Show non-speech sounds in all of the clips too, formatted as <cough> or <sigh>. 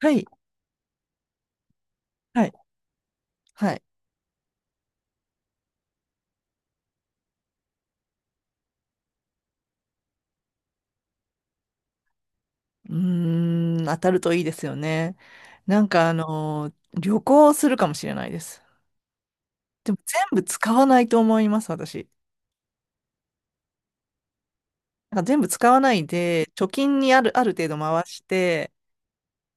はい、はい、はい。うーん、当たるといいですよね。なんか旅行するかもしれないです。でも全部使わないと思います、私。なんか全部使わないで、貯金にある程度回して、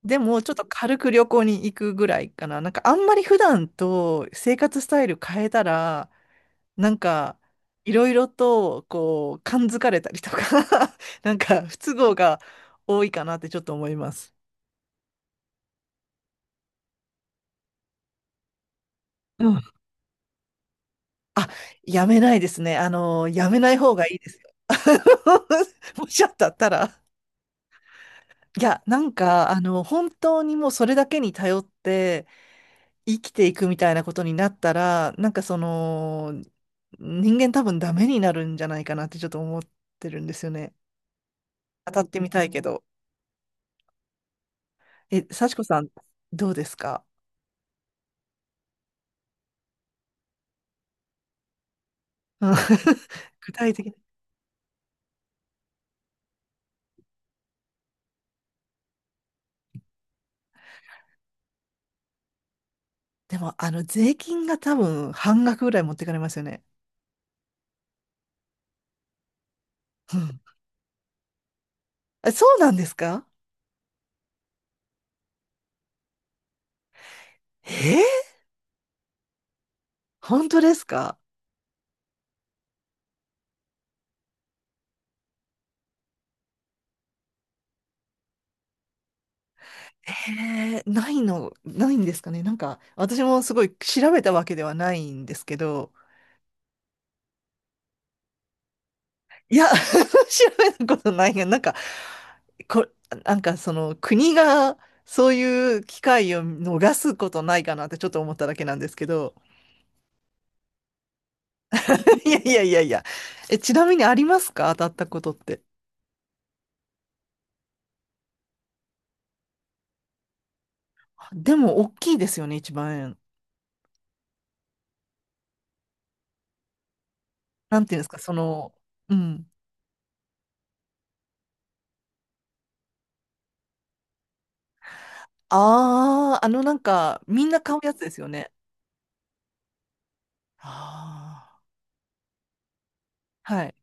でもちょっと軽く旅行に行くぐらいかな。なんかあんまり普段と生活スタイル変えたら、なんかいろいろとこう、感づかれたりとか <laughs> なんか不都合が多いかなってちょっと思います。うん、あ、やめないですね。あの、やめない方がいいですよ。<laughs> もしあったったら。いや、なんか、あの、本当にもうそれだけに頼って生きていくみたいなことになったら、人間多分ダメになるんじゃないかなってちょっと思ってるんですよね。当たってみたいけど。え、幸子さん、どうですか？うん。 <laughs> 具体的に。でも、あの、税金が多分半額ぐらい持ってかれますよね。うん。え、そうなんですか？えー、本当ですか？えー、ないの、ないんですかね。なんか、私もすごい調べたわけではないんですけど、いや、<laughs> 調べたことないが、なんか、こ、なんかその国がそういう機会を逃すことないかなってちょっと思っただけなんですけど、<laughs> いやいやいやいや、え、ちなみにありますか？当たったことって。でも、大きいですよね、一万円。なんていうんですか、その、うん。ああ、あのなんか、みんな買うやつですよね。ああ。はい。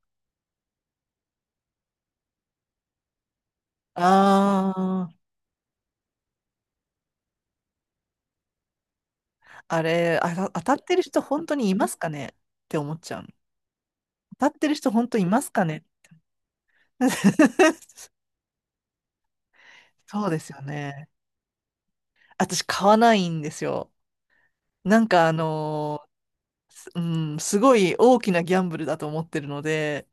ああ、あれ、あた、当たってる人本当にいますかねって思っちゃうの。当たってる人本当にいますかね？ <laughs> そうですよね。私買わないんですよ。なんかあのー、すうん、すごい大きなギャンブルだと思ってるので、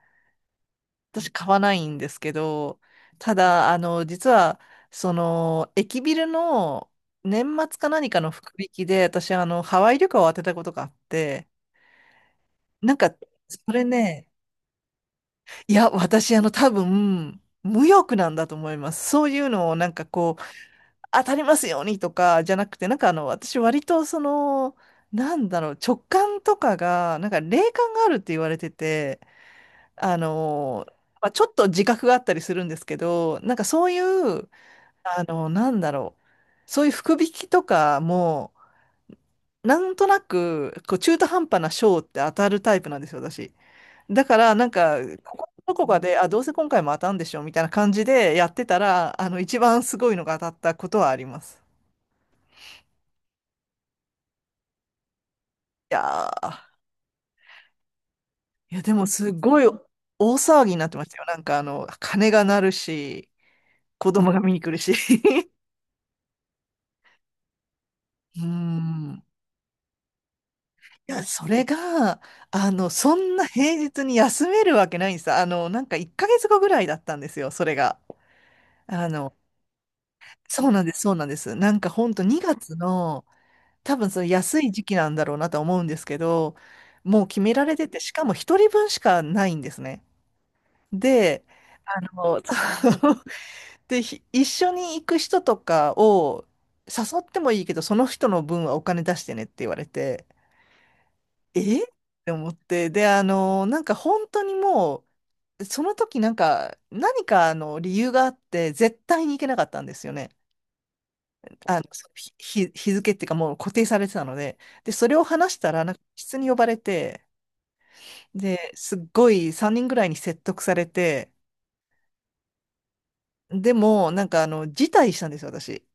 私買わないんですけど、ただ、あの、実は、その、駅ビルの年末か何かの福引きで、私、あの、ハワイ旅行を当てたことがあって、なんか、それね、いや、私、あの、多分、無欲なんだと思います。そういうのを、なんかこう、当たりますようにとか、じゃなくて、なんかあの、私、割と、その、なんだろう、直感とかが、なんか霊感があるって言われてて、あの、まあ、ちょっと自覚があったりするんですけど、なんかそういう、あの、なんだろう、そういう福引きとかも、なんとなく、こう中途半端な賞って当たるタイプなんですよ、私。だから、なんか、ここどこかで、あ、どうせ今回も当たんでしょ、みたいな感じでやってたら、あの、一番すごいのが当たったことはあります。いやー、いや、でもすごい大騒ぎになってましたよ。なんか、あの、鐘が鳴るし、子供が見に来るし。<laughs> うーん。いや、それが、あの、そんな平日に休めるわけないんです。あの、なんか1ヶ月後ぐらいだったんですよ、それが。あの、そうなんです。なんか本当2月の、多分その安い時期なんだろうなとは思うんですけど、もう決められてて、しかも一人分しかないんですね。で、あの、そう。 <laughs> で、一緒に行く人とかを誘ってもいいけど、その人の分はお金出してねって言われて、えって思って、で、あの、なんか本当にもう、その時なんか、何かあの理由があって、絶対に行けなかったんですよね。あの、その日、日付っていうかもう固定されてたので、で、それを話したら、なんか室に呼ばれて、で、すっごい3人ぐらいに説得されて、でも、なんかあの、辞退したんですよ、私。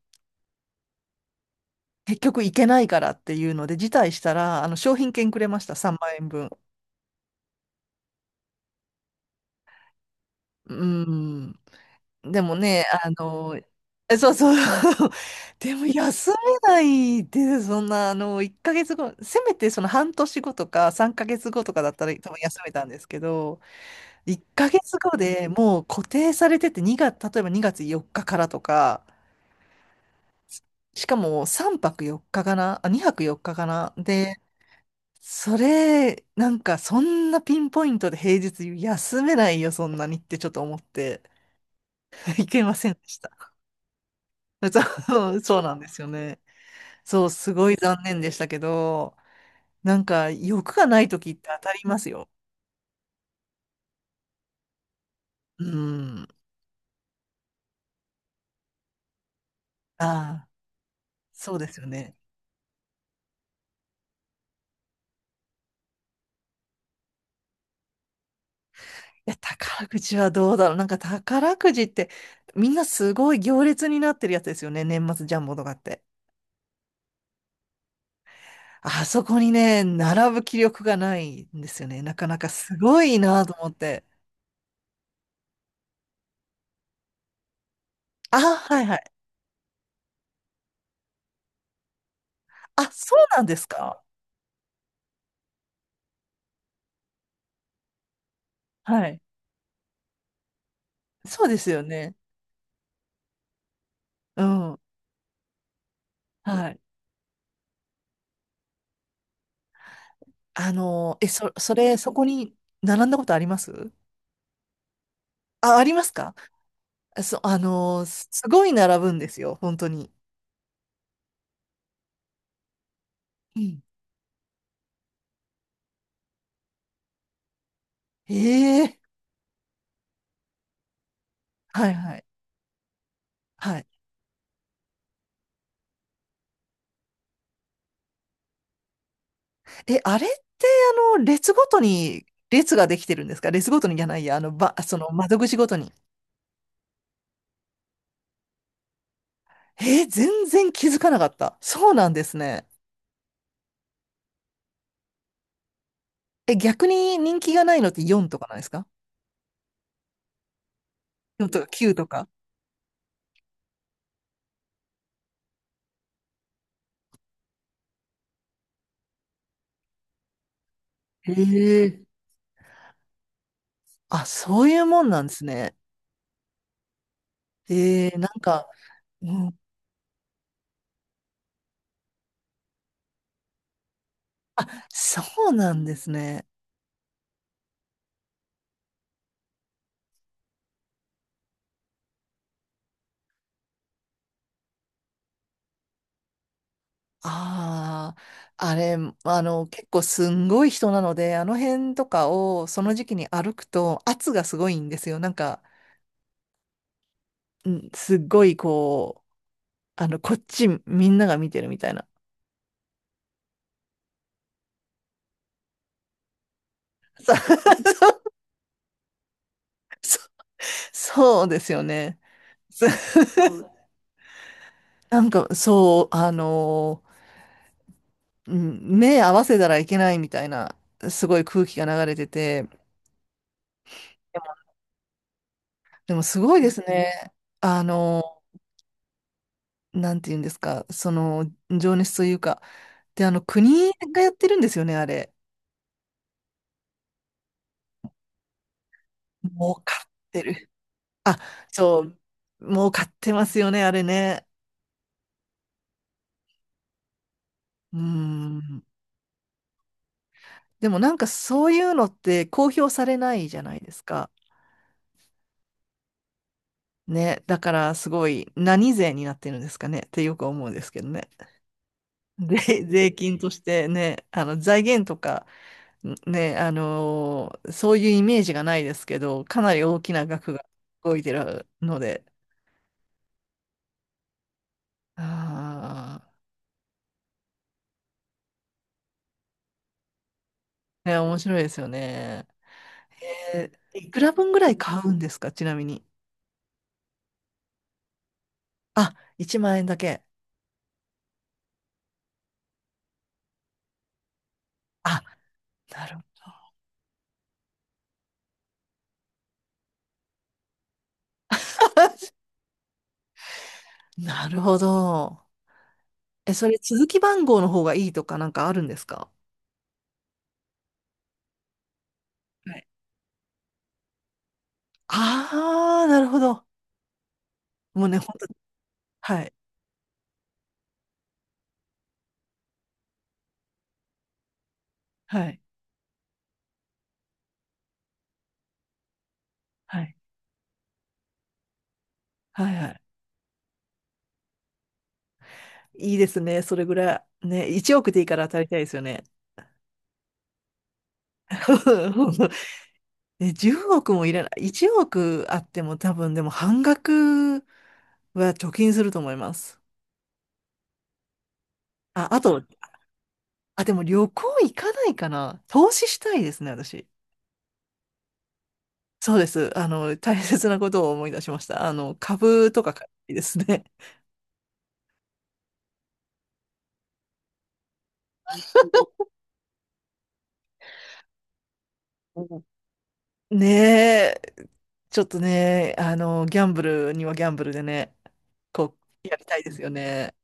結局行けないからっていうので、辞退したら、あの、商品券くれました、3万円分。うん。でもね、あの、え、<laughs> でも休めないで、そんな、あの、1ヶ月後、せめてその半年後とか3ヶ月後とかだったら多分休めたんですけど、1ヶ月後でもう固定されてて2月、例えば2月4日かからとか、しかも3泊4日かかな、あ、2泊4日かかな。で、それ、なんかそんなピンポイントで平日休めないよ、そんなにってちょっと思って、<laughs> いけませんでした。<laughs> そうなんですよね。そう、すごい残念でしたけど、なんか欲がない時って当たりますよ。うん。ああ、そうですよね。いや、宝くじはどうだろう。なんか宝くじって、みんなすごい行列になってるやつですよね。年末ジャンボとかって。あそこにね、並ぶ気力がないんですよね。なかなかすごいなと思って。あ、はいはい。あ、そうなんですか。はい。そうですよね。うん。はい。あの、それ、そこに並んだことあります？あ、ありますか？あの、すごい並ぶんですよ。本当に。うん。ええ、はいはい。はい。え、あれって、あの、列ごとに列ができてるんですか？列ごとにじゃないや、あの、その窓口ごとに。えー、全然気づかなかった。そうなんですね。え、逆に人気がないのって4とかなんですか ?4 とか9とか。へえ。あ、そういうもんなんですね。えーなんか、うん。あ、そうなんですね。ああ、あれ、あの、結構すんごい人なので、あの辺とかをその時期に歩くと圧がすごいんですよ。なんか、うんすっごいこう、あの、こっちみんなが見てるみたいな。そう。 <laughs> そうですよね。そう、なんか、そう、あの、うん、目合わせたらいけないみたいな、すごい空気が流れてて、でもすごいですね。あの、なんて言うんですか、その、情熱というか、で、あの、国がやってるんですよね、あれ。儲かってる。あ、そう、儲かってますよね、あれね。うーん。でもなんかそういうのって公表されないじゃないですか。ね。だからすごい何税になってるんですかねってよく思うんですけどね。で、<laughs> 税金としてね、あの財源とか、ね、あのー、そういうイメージがないですけど、かなり大きな額が動いてるので、ああ、ね、面白いですよね。えー、いくら分ぐらい買うんですか？ちなみに。あ、1万円だけ。あ、なる、なるほど。え、それ続き番号の方がいいとか、なんかあるんですか？はい。ああー、なるほど。もうね、本当はい、はい、はい、はい。いいですね。それぐらい。ね、1億でいいから当たりたいですよね。<laughs> ね、10億もいらない。1億あっても多分でも半額は貯金すると思います。あ、あと、あ、でも旅行行かないかな。投資したいですね、私。そうです。あの、大切なことを思い出しました。あの、株とか買いたいですね。ねえ、ちょっとね、あの、ギャンブルにはギャンブルでね、こやりたいですよね。